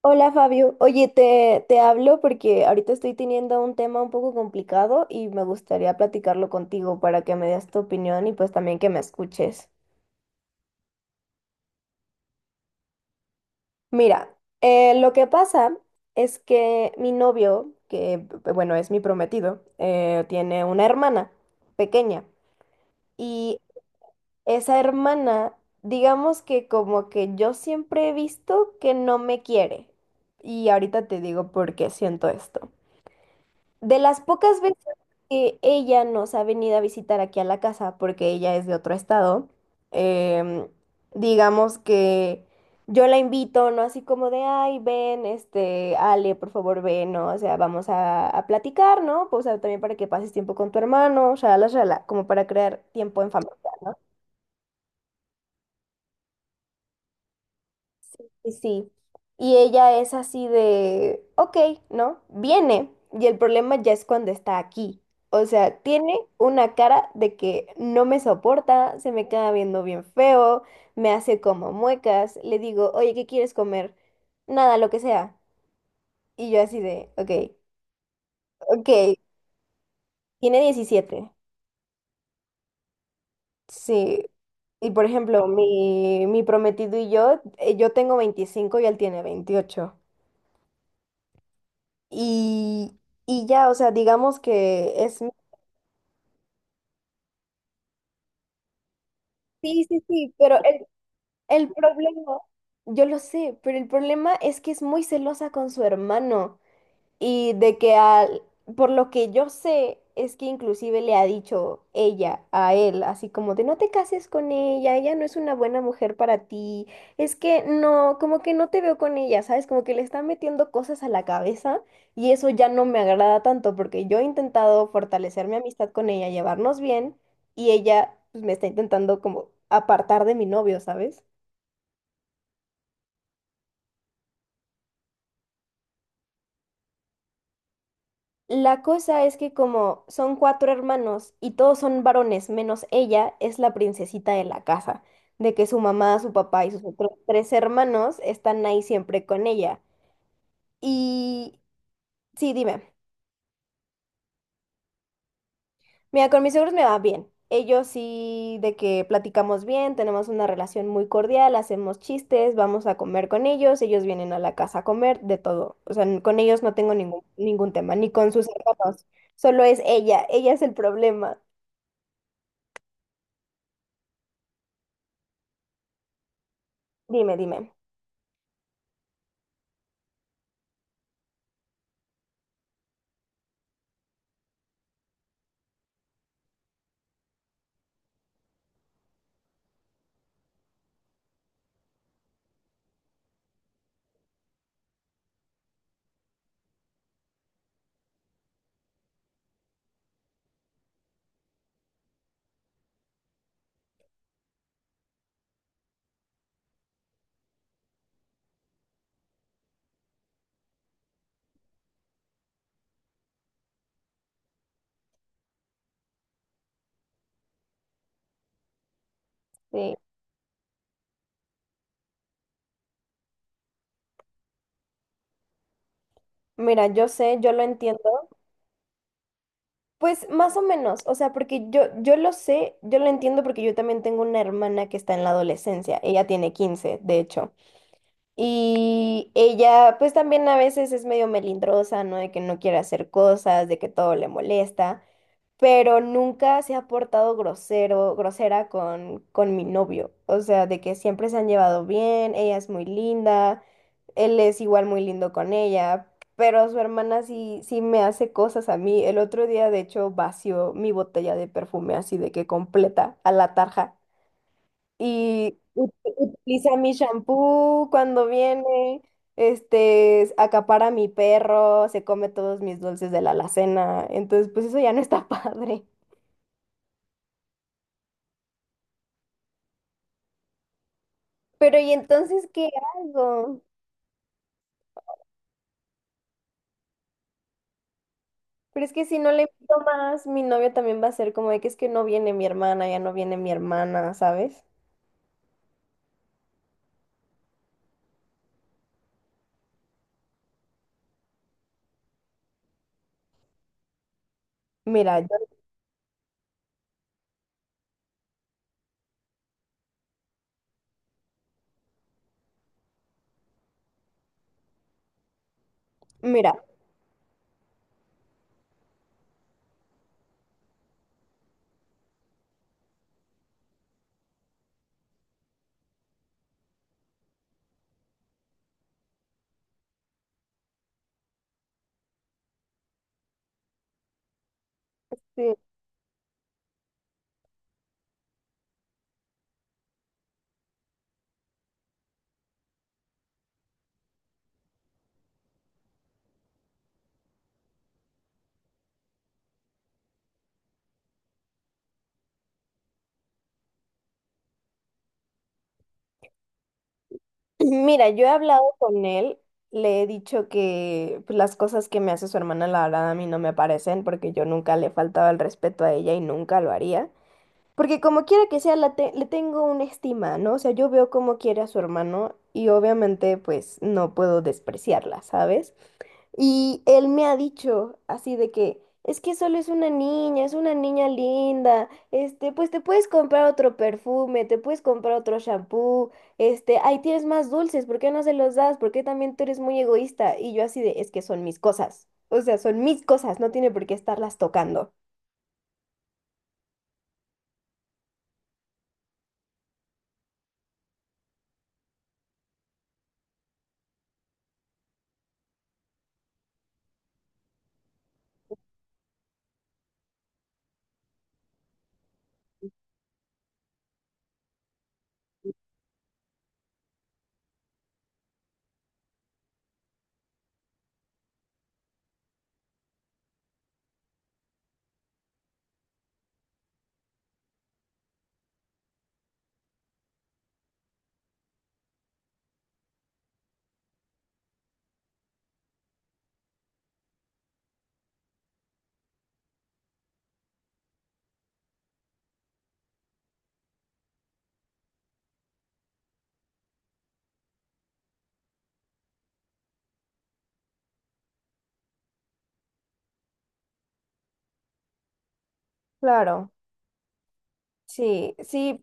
Hola, Fabio, oye, te hablo porque ahorita estoy teniendo un tema un poco complicado y me gustaría platicarlo contigo para que me des tu opinión y pues también que me escuches. Mira, lo que pasa es que mi novio, que bueno, es mi prometido, tiene una hermana pequeña. Y esa hermana, digamos que como que yo siempre he visto que no me quiere, y ahorita te digo por qué siento esto. De las pocas veces que ella nos ha venido a visitar aquí a la casa, porque ella es de otro estado, em, digamos que yo la invito, ¿no? Así como de, ay, ven, este, Ale, por favor, ven, ¿no? O sea, vamos a platicar, ¿no? Pues o sea, también para que pases tiempo con tu hermano, shala, shala, como para crear tiempo en familia. ¿No? Y sí, y ella es así de, ok, ¿no? Viene, y el problema ya es cuando está aquí. O sea, tiene una cara de que no me soporta, se me queda viendo bien feo, me hace como muecas, le digo, oye, ¿qué quieres comer? Nada, lo que sea. Y yo así de, ok, ok, tiene 17, sí. Y por ejemplo, mi prometido y yo, yo tengo 25 y él tiene 28. y, y ya, o sea, digamos que es... Sí, sí, sí, pero el problema, yo lo sé, pero el problema es que es muy celosa con su hermano. Y de que al, por lo que yo sé, es que inclusive le ha dicho ella a él, así como de no te cases con ella, ella no es una buena mujer para ti, es que no, como que no te veo con ella, ¿sabes? Como que le está metiendo cosas a la cabeza y eso ya no me agrada tanto porque yo he intentado fortalecer mi amistad con ella, llevarnos bien, y ella pues me está intentando como apartar de mi novio, ¿sabes? La cosa es que como son cuatro hermanos y todos son varones, menos ella, es la princesita de la casa, de que su mamá, su papá y sus otros tres hermanos están ahí siempre con ella. Y sí, dime. Mira, con mis suegros me va bien. Ellos sí, de que platicamos bien, tenemos una relación muy cordial, hacemos chistes, vamos a comer con ellos, ellos vienen a la casa a comer, de todo. O sea, con ellos no tengo ningún tema, ni con sus hermanos, solo es ella, ella es el problema. Dime, dime. Sí, mira, yo sé, yo lo entiendo. Pues más o menos, o sea, porque yo lo sé, yo lo entiendo porque yo también tengo una hermana que está en la adolescencia, ella tiene 15, de hecho, y ella pues también a veces es medio melindrosa, ¿no? De que no quiere hacer cosas, de que todo le molesta. Pero nunca se ha portado grosero, grosera con mi novio. O sea, de que siempre se han llevado bien, ella es muy linda, él es igual muy lindo con ella, pero su hermana sí, sí me hace cosas a mí. El otro día, de hecho, vació mi botella de perfume así de que completa a la tarja, y utiliza mi shampoo cuando viene. Este, acapara a mi perro, se come todos mis dulces de la alacena, entonces pues eso ya no está padre. Pero ¿y entonces qué hago? Pero es que si no le invito más, mi novio también va a ser como de que es que no viene mi hermana, ya no viene mi hermana, ¿sabes? Mira, yo, mira, sí, mira, yo he hablado con él, le he dicho que pues las cosas que me hace su hermana, la verdad, a mí no me parecen, porque yo nunca le faltaba el respeto a ella y nunca lo haría. Porque como quiera que sea, le tengo una estima, ¿no? O sea, yo veo cómo quiere a su hermano y obviamente pues no puedo despreciarla, ¿sabes? Y él me ha dicho así de que es que solo es una niña linda, este, pues te puedes comprar otro perfume, te puedes comprar otro shampoo, este, ahí tienes más dulces, ¿por qué no se los das? ¿Por qué también tú eres muy egoísta? Y yo así de, es que son mis cosas, o sea, son mis cosas, no tiene por qué estarlas tocando. Claro, sí, sí,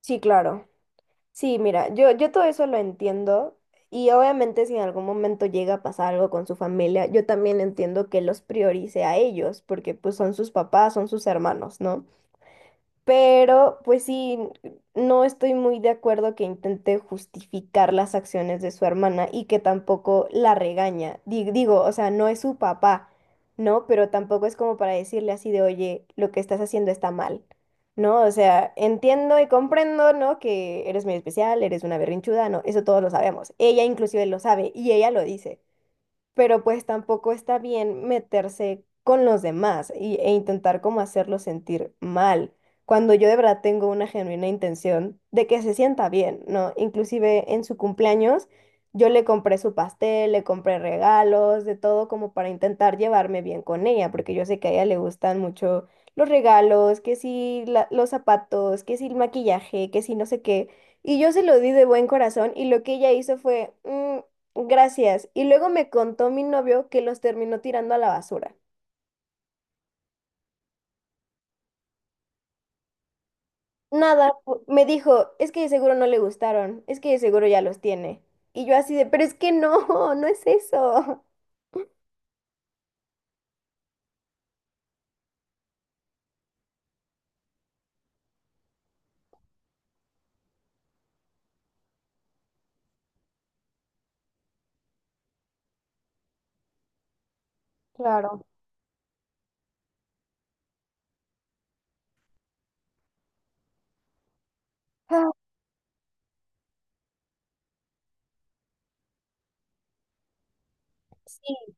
sí, claro. Sí, mira, yo todo eso lo entiendo y obviamente si en algún momento llega a pasar algo con su familia, yo también entiendo que los priorice a ellos porque pues son sus papás, son sus hermanos, ¿no? Pero pues sí, no estoy muy de acuerdo que intente justificar las acciones de su hermana y que tampoco la regaña. Digo, o sea, no es su papá, ¿no? Pero tampoco es como para decirle así de, oye, lo que estás haciendo está mal, ¿no? O sea, entiendo y comprendo, ¿no? Que eres muy especial, eres una berrinchuda, ¿no? Eso todos lo sabemos. Ella inclusive lo sabe y ella lo dice, pero pues tampoco está bien meterse con los demás e intentar como hacerlo sentir mal, cuando yo de verdad tengo una genuina intención de que se sienta bien, ¿no? Inclusive en su cumpleaños yo le compré su pastel, le compré regalos, de todo como para intentar llevarme bien con ella, porque yo sé que a ella le gustan mucho los regalos, que sí los zapatos, que sí el maquillaje, que sí no sé qué. Y yo se lo di de buen corazón y lo que ella hizo fue... "Mm, gracias." Y luego me contó mi novio que los terminó tirando a la basura. Nada, me dijo, es que de seguro no le gustaron, es que de seguro ya los tiene. Y yo así de, pero es que no, no es eso. Claro. Ah, sí.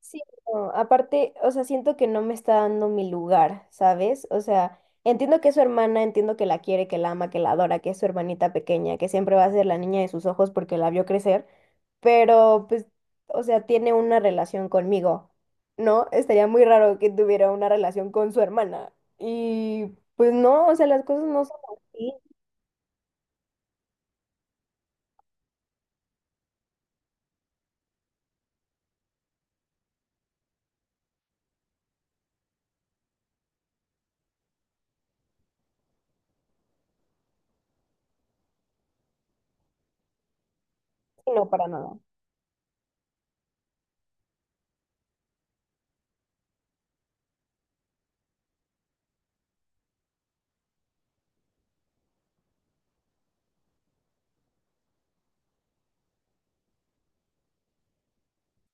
Sí, no, aparte, o sea, siento que no me está dando mi lugar, ¿sabes? O sea, entiendo que es su hermana, entiendo que la quiere, que la ama, que la adora, que es su hermanita pequeña, que siempre va a ser la niña de sus ojos porque la vio crecer, pero pues, o sea, tiene una relación conmigo, ¿no? Estaría muy raro que tuviera una relación con su hermana. Y pues no, o sea, las cosas no son así, sino para nada.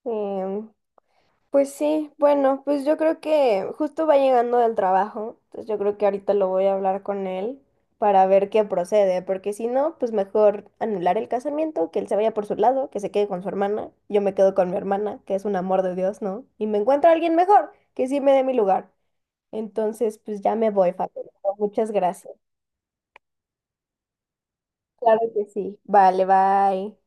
Sí, pues sí, bueno, pues yo creo que justo va llegando del trabajo, entonces yo creo que ahorita lo voy a hablar con él para ver qué procede, porque si no, pues mejor anular el casamiento, que él se vaya por su lado, que se quede con su hermana, yo me quedo con mi hermana, que es un amor de Dios, ¿no? Y me encuentro a alguien mejor, que sí me dé mi lugar. Entonces pues ya me voy, Fabio. Muchas gracias. Claro que sí. Vale, bye.